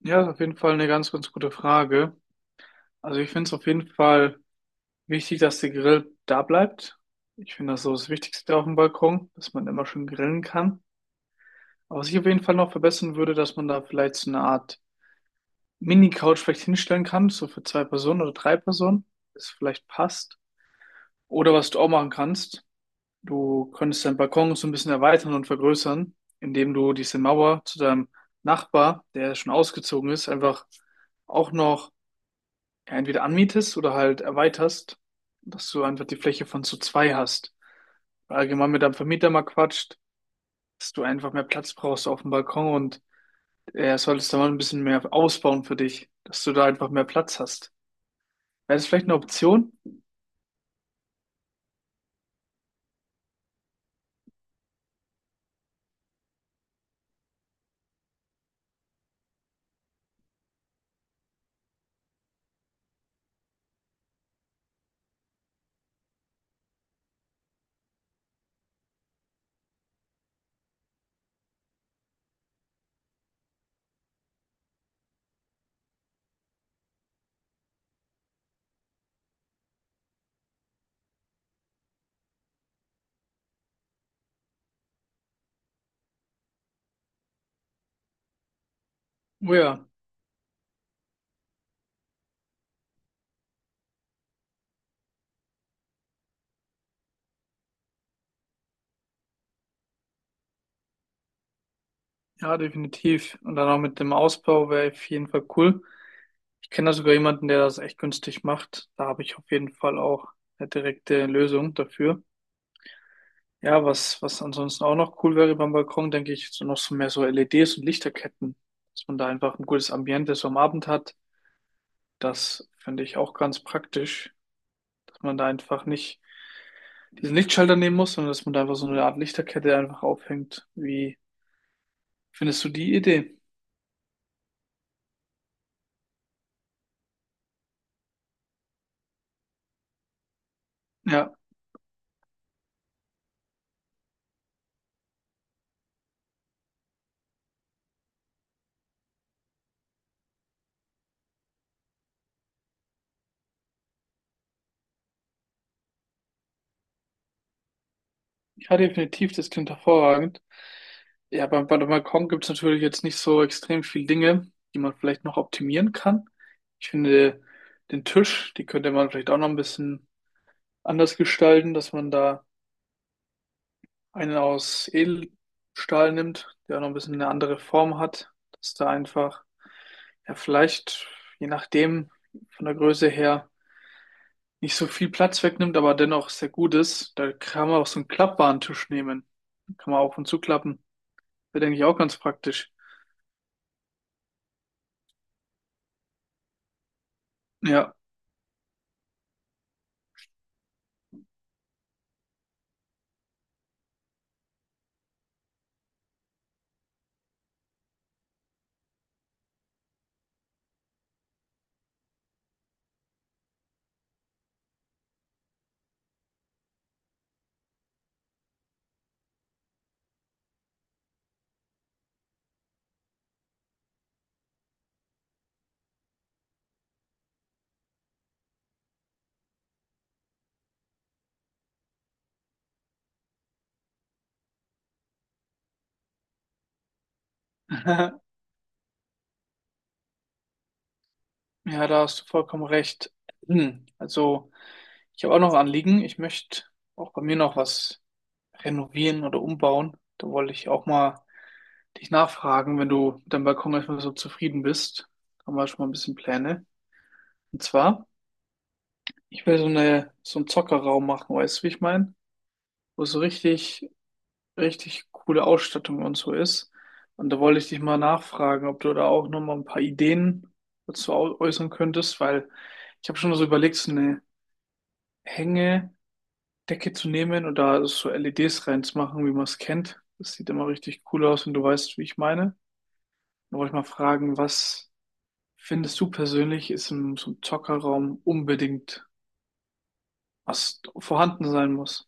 Ja, ist auf jeden Fall eine ganz, ganz gute Frage. Also ich finde es auf jeden Fall wichtig, dass der Grill da bleibt. Ich finde das so das Wichtigste auf dem Balkon, dass man immer schön grillen kann. Aber was ich auf jeden Fall noch verbessern würde, dass man da vielleicht so eine Art Mini-Couch vielleicht hinstellen kann, so für zwei Personen oder drei Personen, das vielleicht passt. Oder was du auch machen kannst, du könntest deinen Balkon so ein bisschen erweitern und vergrößern, indem du diese Mauer zu deinem Nachbar, der schon ausgezogen ist, einfach auch noch ja, entweder anmietest oder halt erweiterst, dass du einfach die Fläche von zu zwei hast. Allgemein mit deinem Vermieter mal quatscht, dass du einfach mehr Platz brauchst auf dem Balkon und er solltest da mal ein bisschen mehr ausbauen für dich, dass du da einfach mehr Platz hast. Wäre das vielleicht eine Option? Oh ja, ja, definitiv. Und dann auch mit dem Ausbau wäre auf jeden Fall cool. Ich kenne da sogar jemanden, der das echt günstig macht. Da habe ich auf jeden Fall auch eine direkte Lösung dafür. Ja, was ansonsten auch noch cool wäre beim Balkon, denke ich, so noch so mehr so LEDs und Lichterketten, dass man da einfach ein gutes Ambiente so am Abend hat. Das finde ich auch ganz praktisch, dass man da einfach nicht diesen Lichtschalter nehmen muss, sondern dass man da einfach so eine Art Lichterkette einfach aufhängt. Wie findest du die Idee? Ja, ja, definitiv, das klingt hervorragend. Ja, beim Balkon gibt es natürlich jetzt nicht so extrem viel Dinge, die man vielleicht noch optimieren kann. Ich finde, den Tisch, die könnte man vielleicht auch noch ein bisschen anders gestalten, dass man da einen aus Edelstahl nimmt, der auch noch ein bisschen eine andere Form hat, dass da einfach, ja, vielleicht, je nachdem, von der Größe her, nicht so viel Platz wegnimmt, aber dennoch sehr gut ist. Da kann man auch so einen klappbaren Tisch nehmen. Kann man auf und zuklappen. Wäre, denke ich, auch ganz praktisch. Ja. Ja, da hast du vollkommen recht. Hm, also, ich habe auch noch ein Anliegen. Ich möchte auch bei mir noch was renovieren oder umbauen. Da wollte ich auch mal dich nachfragen, wenn du mit deinem Balkon erstmal so zufrieden bist. Haben wir schon mal ein bisschen Pläne. Und zwar, ich will so einen Zockerraum machen, weißt du, wie ich meine? Wo so richtig, richtig coole Ausstattung und so ist. Und da wollte ich dich mal nachfragen, ob du da auch nochmal ein paar Ideen dazu äußern könntest, weil ich habe schon so überlegt, so eine Hängedecke zu nehmen und da so LEDs reinzumachen, wie man es kennt. Das sieht immer richtig cool aus, wenn du weißt, wie ich meine. Da wollte ich mal fragen, was findest du persönlich, ist im so einem Zockerraum unbedingt was vorhanden sein muss?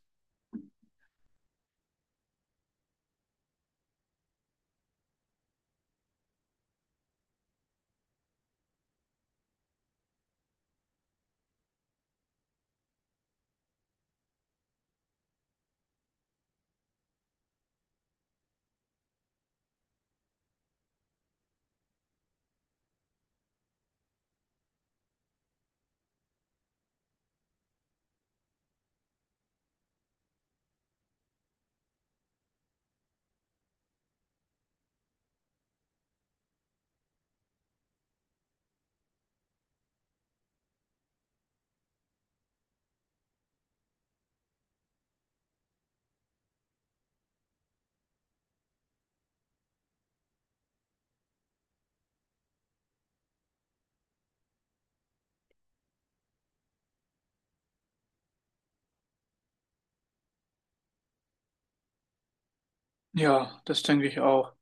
Ja, das denke ich auch.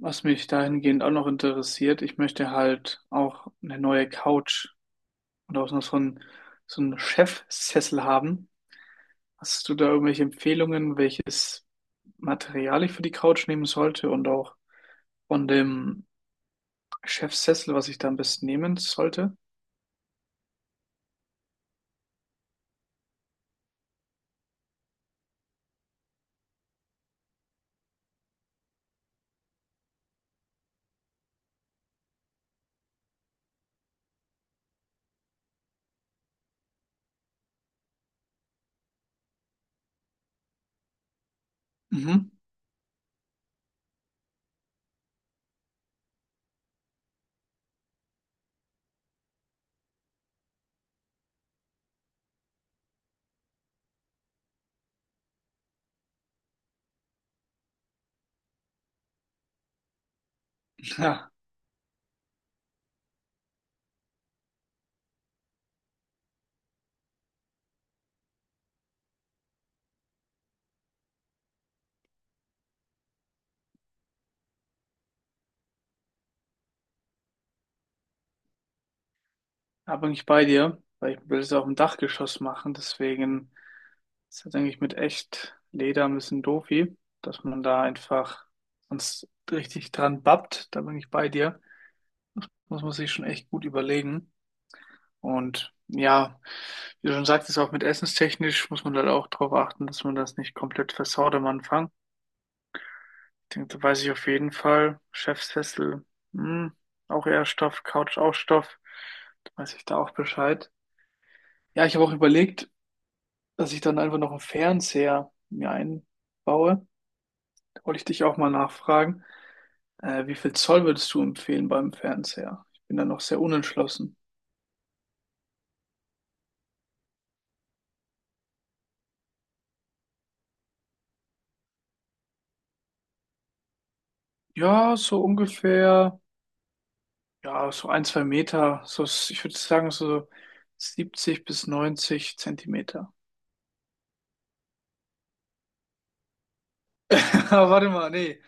Was mich dahingehend auch noch interessiert, ich möchte halt auch eine neue Couch und auch noch so einen Chefsessel haben. Hast du da irgendwelche Empfehlungen, welches Material ich für die Couch nehmen sollte und auch von dem Chefsessel, was ich da am besten nehmen sollte? Mhm. Ja. Da bin ich bei dir, weil ich will es auch im Dachgeschoss machen. Deswegen ist das eigentlich mit echt Leder ein bisschen doofi, dass man da einfach sonst richtig dran babbt. Da bin ich bei dir. Muss man sich schon echt gut überlegen. Und ja, wie du schon sagtest, auch mit essenstechnisch muss man halt auch darauf achten, dass man das nicht komplett versaut am Anfang. Ich denke, da weiß ich auf jeden Fall. Chefsessel, hm, auch eher Stoff, Couch auch Stoff. Da weiß ich da auch Bescheid. Ja, ich habe auch überlegt, dass ich dann einfach noch einen Fernseher mir einbaue. Da wollte ich dich auch mal nachfragen, wie viel Zoll würdest du empfehlen beim Fernseher? Ich bin da noch sehr unentschlossen. Ja, so ungefähr, ja, so ein, zwei Meter, so, ich würde sagen so 70 bis 90 Zentimeter. Ah, warte mal, nee,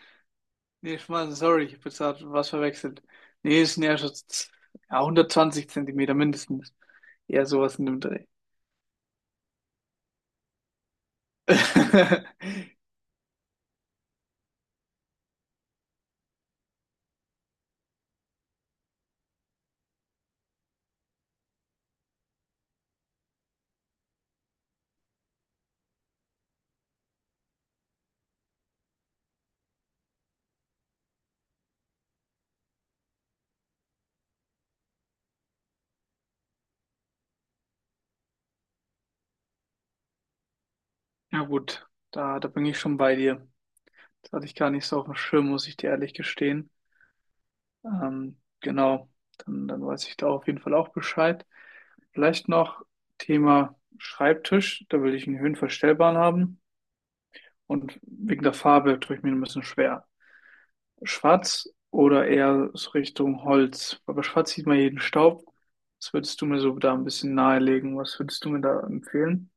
nee, Schmarrn, sorry, ich habe jetzt grad was verwechselt. Nee, es sind eher schon ja, 120 Zentimeter mindestens. Eher sowas in dem Dreh. Ja gut, da bin ich schon bei dir. Das hatte ich gar nicht so auf dem Schirm, muss ich dir ehrlich gestehen. Genau, dann weiß ich da auf jeden Fall auch Bescheid. Vielleicht noch Thema Schreibtisch, da will ich einen höhenverstellbaren haben. Und wegen der Farbe tue ich mir ein bisschen schwer. Schwarz oder eher so Richtung Holz. Aber schwarz sieht man jeden Staub. Was würdest du mir so da ein bisschen nahelegen? Was würdest du mir da empfehlen?